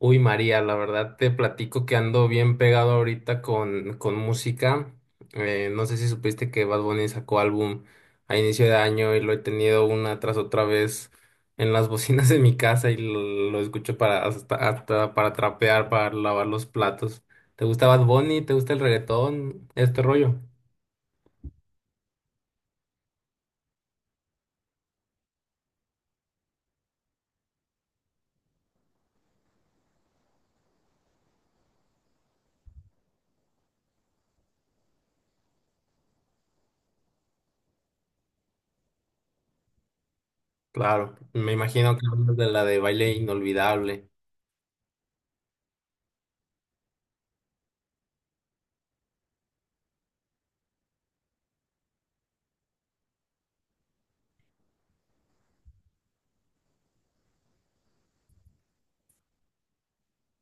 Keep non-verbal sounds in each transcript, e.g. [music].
Uy, María, la verdad te platico que ando bien pegado ahorita con música. No sé si supiste que Bad Bunny sacó álbum a inicio de año y lo he tenido una tras otra vez en las [laughs] bocinas de mi casa y lo escucho para hasta para trapear, para lavar los platos. ¿Te gusta Bad Bunny? ¿Te gusta el reggaetón? Este rollo. Claro, me imagino que hablas de la de Baile Inolvidable.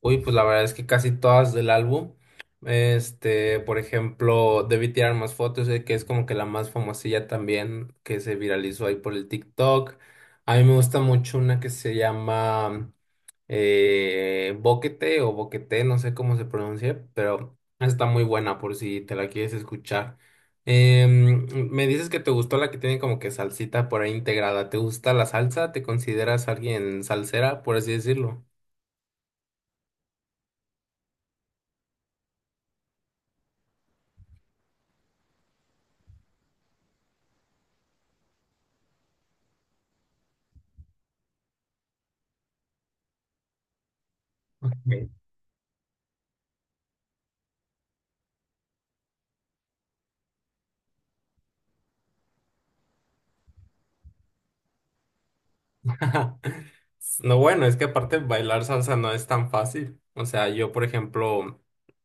Uy, pues la verdad es que casi todas del álbum. Este, por ejemplo, Debí Tirar Más Fotos, que es como que la más famosilla también, que se viralizó ahí por el TikTok. A mí me gusta mucho una que se llama Boquete o Boquete, no sé cómo se pronuncia, pero está muy buena por si te la quieres escuchar. Me dices que te gustó la que tiene como que salsita por ahí integrada. ¿Te gusta la salsa? ¿Te consideras alguien salsera, por así decirlo? [laughs] No, bueno, es que aparte bailar salsa no es tan fácil. O sea, yo, por ejemplo,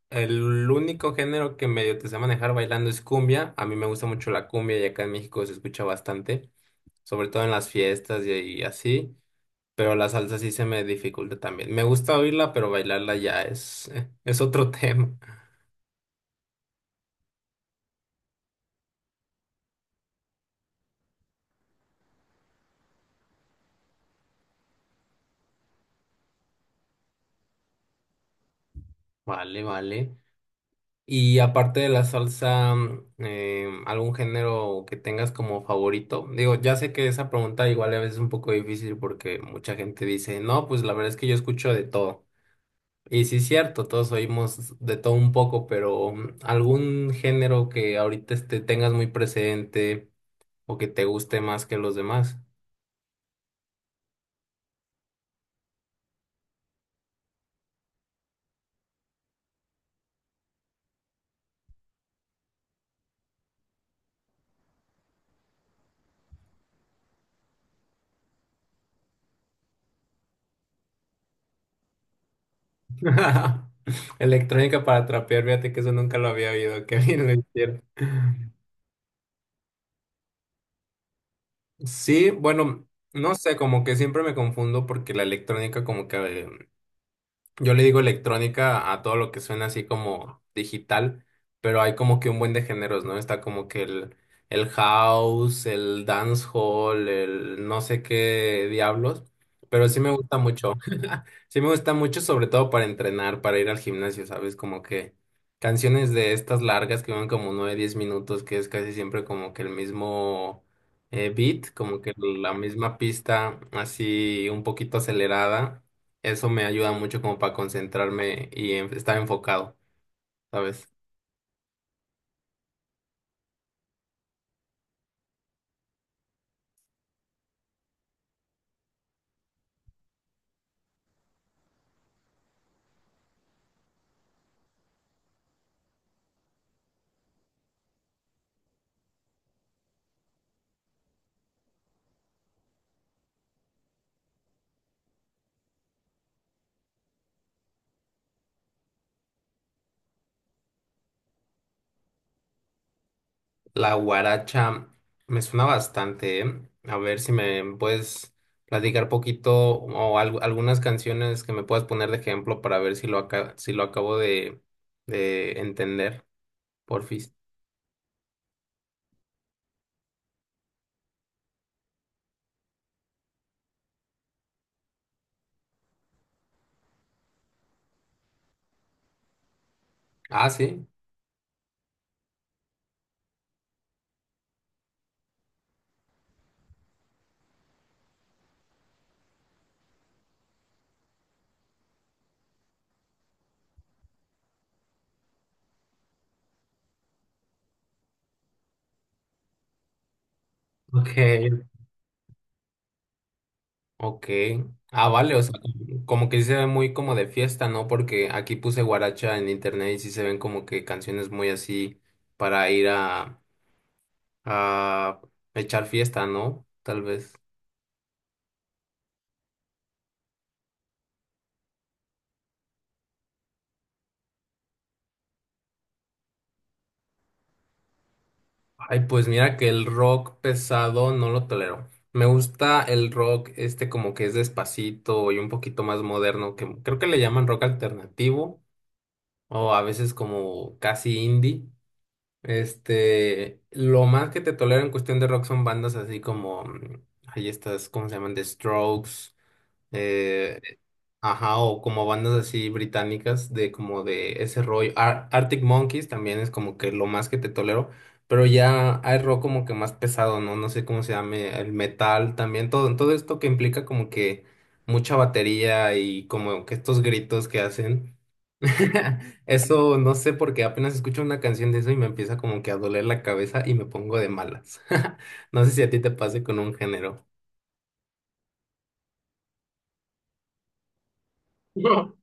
el único género que medio te sé manejar bailando es cumbia. A mí me gusta mucho la cumbia y acá en México se escucha bastante, sobre todo en las fiestas y así. Pero la salsa sí se me dificulta también. Me gusta oírla, pero bailarla ya es, [laughs] es otro tema. Vale, vale. Y aparte de la salsa, ¿algún género que tengas como favorito? Digo, ya sé que esa pregunta igual a veces es un poco difícil porque mucha gente dice, no, pues la verdad es que yo escucho de todo. Y sí es cierto, todos oímos de todo un poco, pero algún género que ahorita este, tengas muy presente o que te guste más que los demás. [laughs] Electrónica para trapear, fíjate que eso nunca lo había oído, que bien lo hicieron. Sí, bueno, no sé, como que siempre me confundo porque la electrónica, como que yo le digo electrónica a todo lo que suena así como digital, pero hay como que un buen de géneros, ¿no? Está como que el house, el dancehall, el no sé qué diablos, pero sí me gusta mucho. Sí me gusta mucho, sobre todo para entrenar, para ir al gimnasio, ¿sabes? Como que canciones de estas largas que van como 9 10 minutos, que es casi siempre como que el mismo beat, como que la misma pista así un poquito acelerada. Eso me ayuda mucho como para concentrarme y estar enfocado, ¿sabes? La guaracha me suena bastante, ¿eh? A ver si me puedes platicar poquito o algunas canciones que me puedas poner de ejemplo para ver si lo, si lo acabo de entender, porfis. Ah, sí. Ok. Ok. Ah, vale, o sea, como como que sí se ve muy como de fiesta, ¿no? Porque aquí puse guaracha en internet y sí se ven como que canciones muy así para ir a echar fiesta, ¿no? Tal vez. Ay, pues mira que el rock pesado no lo tolero. Me gusta el rock este como que es despacito y un poquito más moderno, que creo que le llaman rock alternativo o a veces como casi indie. Este, lo más que te tolero en cuestión de rock son bandas así como, ay, estas, ¿cómo se llaman? The Strokes, eh, ajá, o como bandas así británicas de como de ese rollo. Arctic Monkeys también es como que lo más que te tolero, pero ya hay rock como que más pesado, ¿no? No sé cómo se llame, el metal también, todo, todo esto que implica como que mucha batería y como que estos gritos que hacen. [laughs] Eso no sé porque apenas escucho una canción de eso y me empieza como que a doler la cabeza y me pongo de malas. [laughs] No sé si a ti te pase con un género. [laughs] No.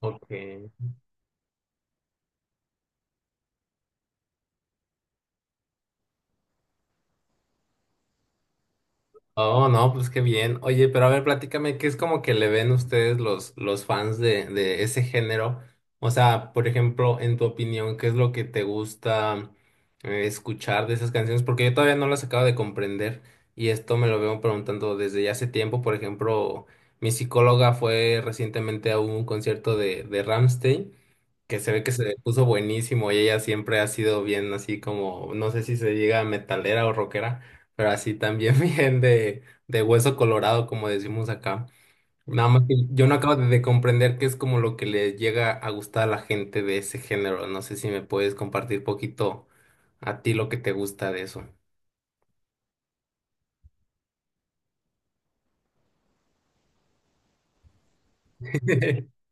Ok. Oh, no, pues qué bien. Oye, pero a ver, platícame, ¿qué es como que le ven ustedes los fans de ese género? O sea, por ejemplo, en tu opinión, ¿qué es lo que te gusta escuchar de esas canciones? Porque yo todavía no las acabo de comprender y esto me lo veo preguntando desde ya hace tiempo. Por ejemplo, mi psicóloga fue recientemente a un concierto de Rammstein que se ve que se puso buenísimo y ella siempre ha sido bien así como, no sé si se diga metalera o rockera, pero así también [laughs] bien de hueso colorado, como decimos acá. Nada más que yo no acabo de comprender qué es como lo que le llega a gustar a la gente de ese género. No sé si me puedes compartir poquito a ti lo que te gusta de eso. [laughs]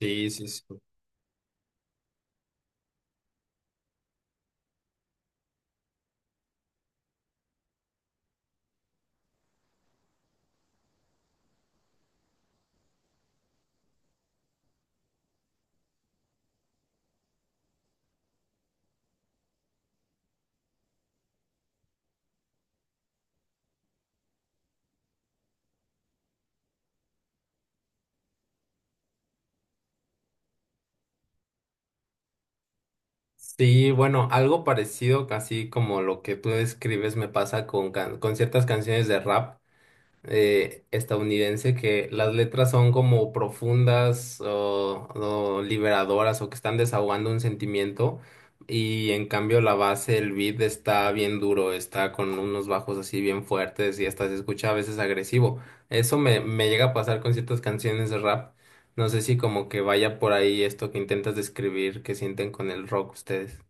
Sí, sí, sí. Sí, bueno, algo parecido, casi como lo que tú describes, me pasa con, con ciertas canciones de rap. Estadounidense que las letras son como profundas o liberadoras o que están desahogando un sentimiento y en cambio la base, el beat está bien duro, está con unos bajos así bien fuertes y hasta se escucha a veces agresivo. Me llega a pasar con ciertas canciones de rap. No sé si como que vaya por ahí esto que intentas describir, que sienten con el rock ustedes.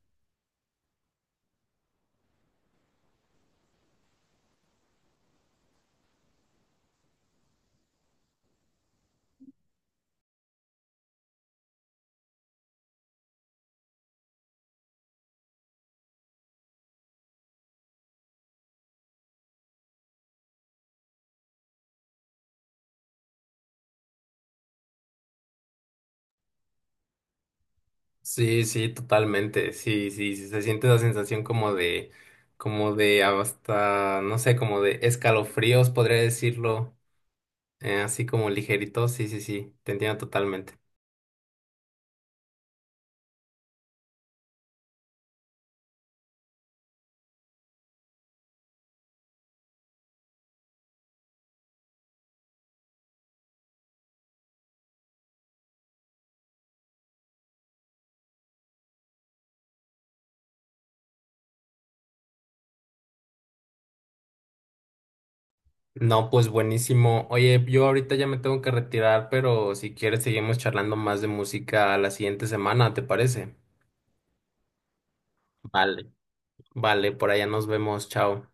Sí, sí, totalmente. Sí, sí, sí, se siente esa sensación como de hasta, no sé, como de escalofríos, podría decirlo, así como ligerito. Sí, sí, sí, te entiendo totalmente. No, pues buenísimo. Oye, yo ahorita ya me tengo que retirar, pero si quieres seguimos charlando más de música la siguiente semana, ¿te parece? Vale. Vale, por allá nos vemos, chao.